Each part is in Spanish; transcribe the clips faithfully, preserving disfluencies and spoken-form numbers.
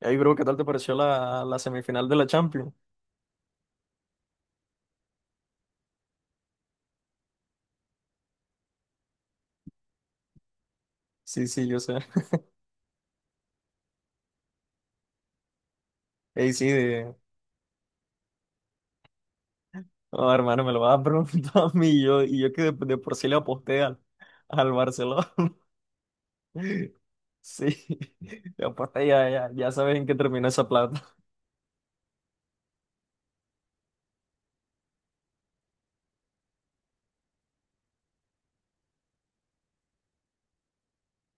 Ey, bro, ¿qué tal te pareció la, la semifinal de la Champions? Sí, sí, yo sé. Ey, sí, de... Oh, hermano, me lo vas a preguntar a mí. y Yo, y yo que de, de por sí le aposté al, al, Barcelona. Sí, le aposté, ya, ya, ya sabes en qué terminó esa plata.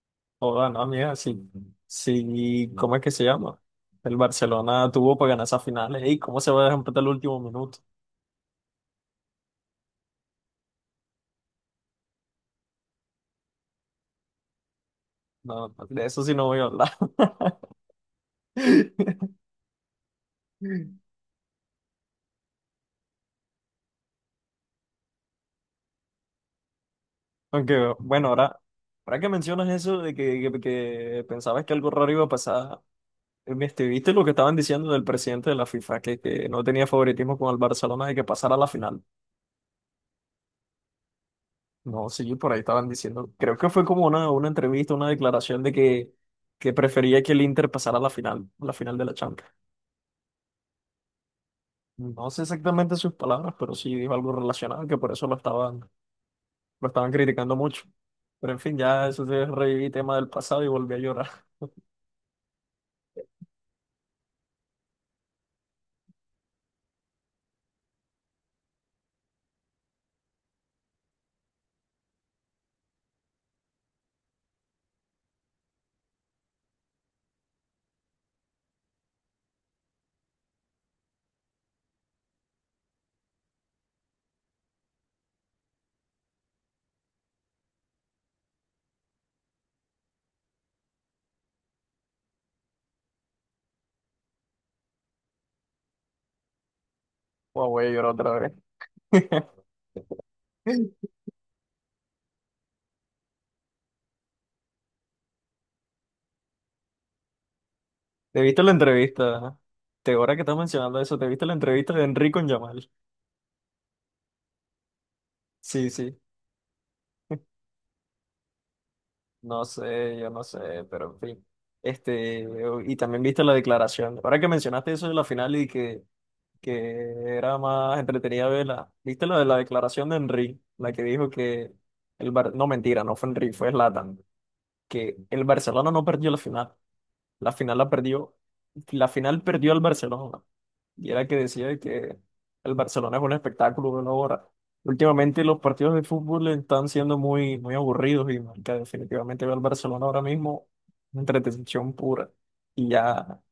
Joda, no, amiga, sí. Sí, ¿cómo es que se llama? El Barcelona tuvo para ganar esa final. Ey, ¿cómo se va a dejar empatar el último minuto? No, de eso sí no voy a hablar. Aunque, bueno, ahora. Ahora que mencionas eso de que, que, que pensabas que algo raro iba a pasar, este, ¿viste lo que estaban diciendo del presidente de la FIFA, que, que no tenía favoritismo con el Barcelona de que pasara a la final? No, sí, por ahí estaban diciendo, creo que fue como una, una entrevista, una declaración de que, que prefería que el Inter pasara a la final, la final de la Champions. No sé exactamente sus palabras, pero sí dijo algo relacionado, que por eso lo estaban, lo estaban criticando mucho. Pero en fin, ya eso se reviví tema del pasado y volví a llorar. Guau, voy a llorar otra vez. ¿Te viste la entrevista? Te, ahora que estás mencionando eso, ¿te viste la entrevista de Enrico en Yamal? Sí, sí. No sé, yo no sé, pero en fin. Este, y también viste la declaración. Ahora que mencionaste eso de la final y que, que era más entretenida verla, ¿viste la de la declaración de Henry? La que dijo que el Bar- no mentira, no fue Henry, fue Zlatan, que el Barcelona no perdió la final. La final la perdió, la final perdió el Barcelona. Y era que decía que el Barcelona es un espectáculo de una hora. Últimamente los partidos de fútbol están siendo muy, muy aburridos y que definitivamente veo al Barcelona ahora mismo una entretención pura. Y ya,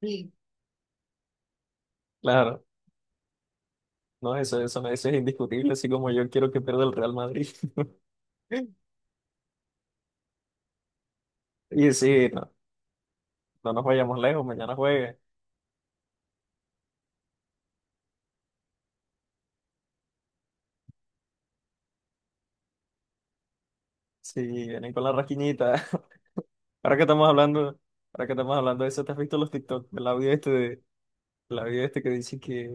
sí. Claro, no, eso, eso, eso es indiscutible, así como yo quiero que pierda el Real Madrid. Y sí, no, no nos vayamos lejos, mañana juegue. Si vienen con la rasquiñita. Ahora que estamos hablando, ahora que estamos hablando de eso, ¿te has visto los TikTok? El audio este de, el audio este que dice que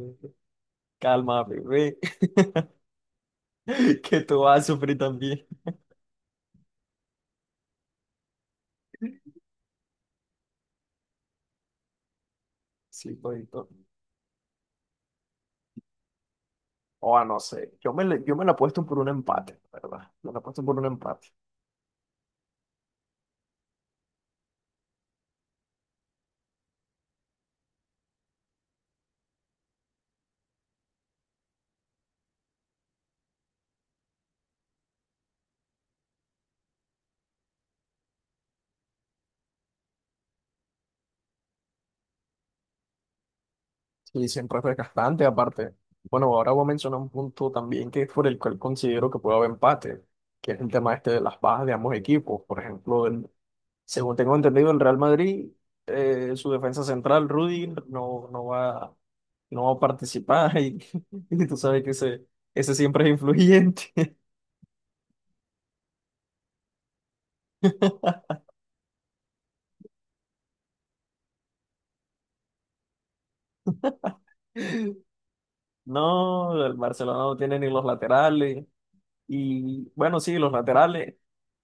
calma, bebé. Que tú vas a sufrir también. Sí, todito. O a no sé. Yo me, le- yo me la he puesto por un empate, ¿la verdad? Me la he puesto por un empate. Y siempre es desgastante, aparte. Bueno, ahora voy a mencionar un punto también que es por el cual considero que puede haber empate, que es el tema este de las bajas de ambos equipos. Por ejemplo, el- según tengo entendido, el Real Madrid, eh, su defensa central, Rudy, no, no va, no va a participar y, y tú sabes que ese, ese siempre es influyente. No, el Barcelona no tiene ni los laterales. Y bueno, sí, los laterales.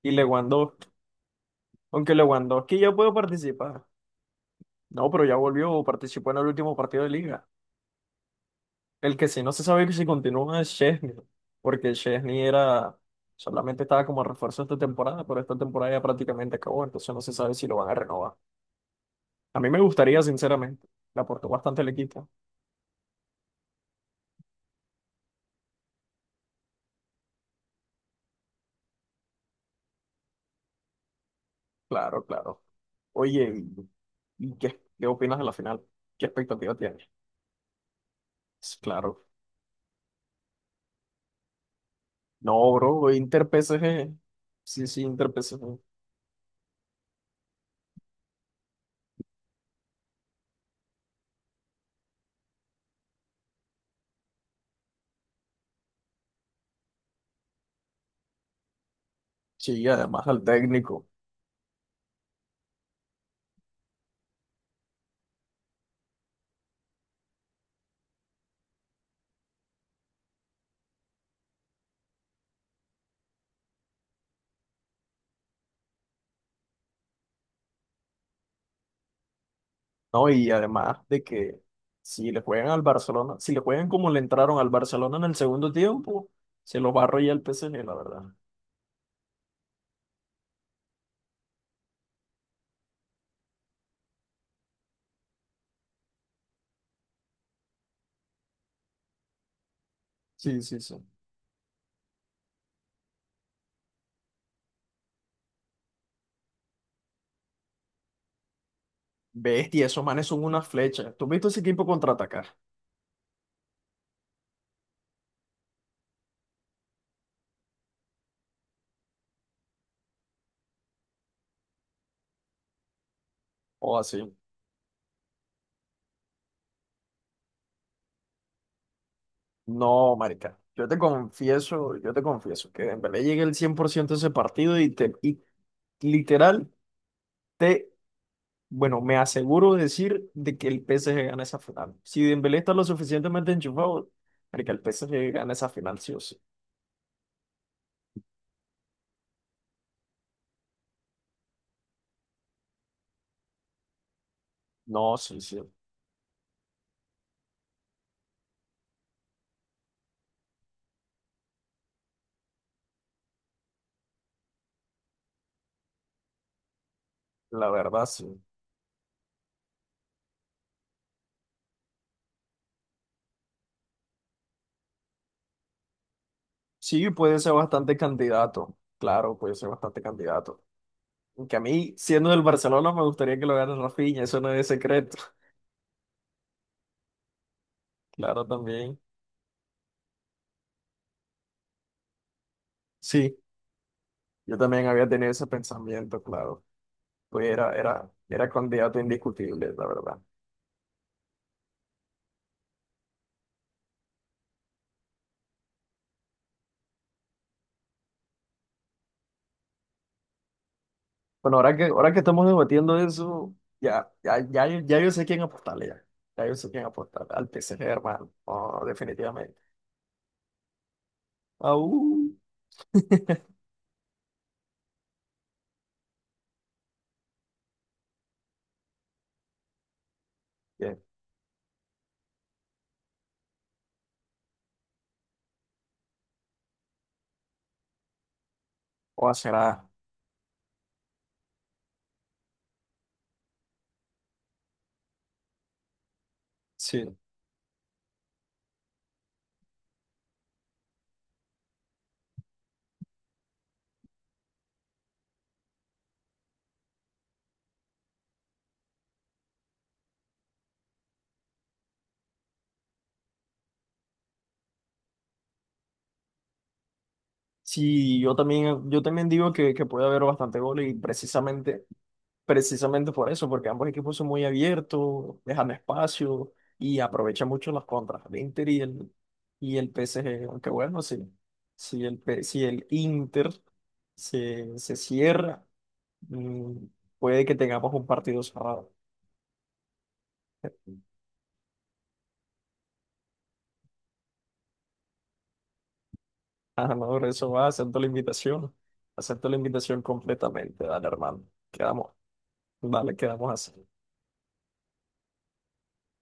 Y Lewandowski. Aunque Lewandowski ya puede participar. No, pero ya volvió, participó en el último partido de liga. El que sí no se sabe si continúa es Chesney. Porque Chesney era, solamente estaba como refuerzo esta temporada, pero esta temporada ya prácticamente acabó, entonces no se sabe si lo van a renovar. A mí me gustaría, sinceramente. Le aportó bastante el equipo. Claro, claro. Oye, ¿y y qué, qué opinas de la final? ¿Qué expectativa tienes? Claro. No, bro, Inter P S G. Sí, sí, Inter P S G. Sí, además al técnico. No, y además de que si le juegan al Barcelona, si le juegan como le entraron al Barcelona en el segundo tiempo, se los va a arrollar el P S G, la verdad. Sí, sí, sí. Bestia, esos manes son una flecha. ¿Tú has visto ese equipo contraatacar? O así. No, marica. Yo te confieso, yo te confieso que Dembélé llegue el cien por ciento a ese partido y, te, y literal te bueno, me aseguro de decir de que el P S G gana esa final. Si Dembélé está lo suficientemente enchufado, que el P S G gana esa final sí o sí. No, sí, sí, la verdad sí. Sí, puede ser bastante candidato. Claro, puede ser bastante candidato. Aunque a mí, siendo del Barcelona, me gustaría que lo gane Rafinha, eso no es secreto. Claro, también. Sí, yo también había tenido ese pensamiento, claro. Pues era, era, era candidato indiscutible, la verdad. Bueno, ahora que, ahora que estamos debatiendo eso, ya, ya, ya, yo- ya yo sé quién apostarle ya. Ya yo sé quién apostarle. Al P S G, hermano. Oh, definitivamente. Au. Bien. O a será. Sí. Sí, yo también, yo también digo que, que puede haber bastante goles y precisamente, precisamente por eso, porque ambos equipos son muy abiertos, dejan espacio y aprovechan mucho las contras el Inter y el, y el P S G. Aunque bueno, sí. Si el, P- si el Inter se, se cierra. Mm, puede que tengamos un partido cerrado. Ah, no, por eso va, acepto la invitación. Acepto la invitación completamente, dale, hermano. Quedamos, dale, quedamos así.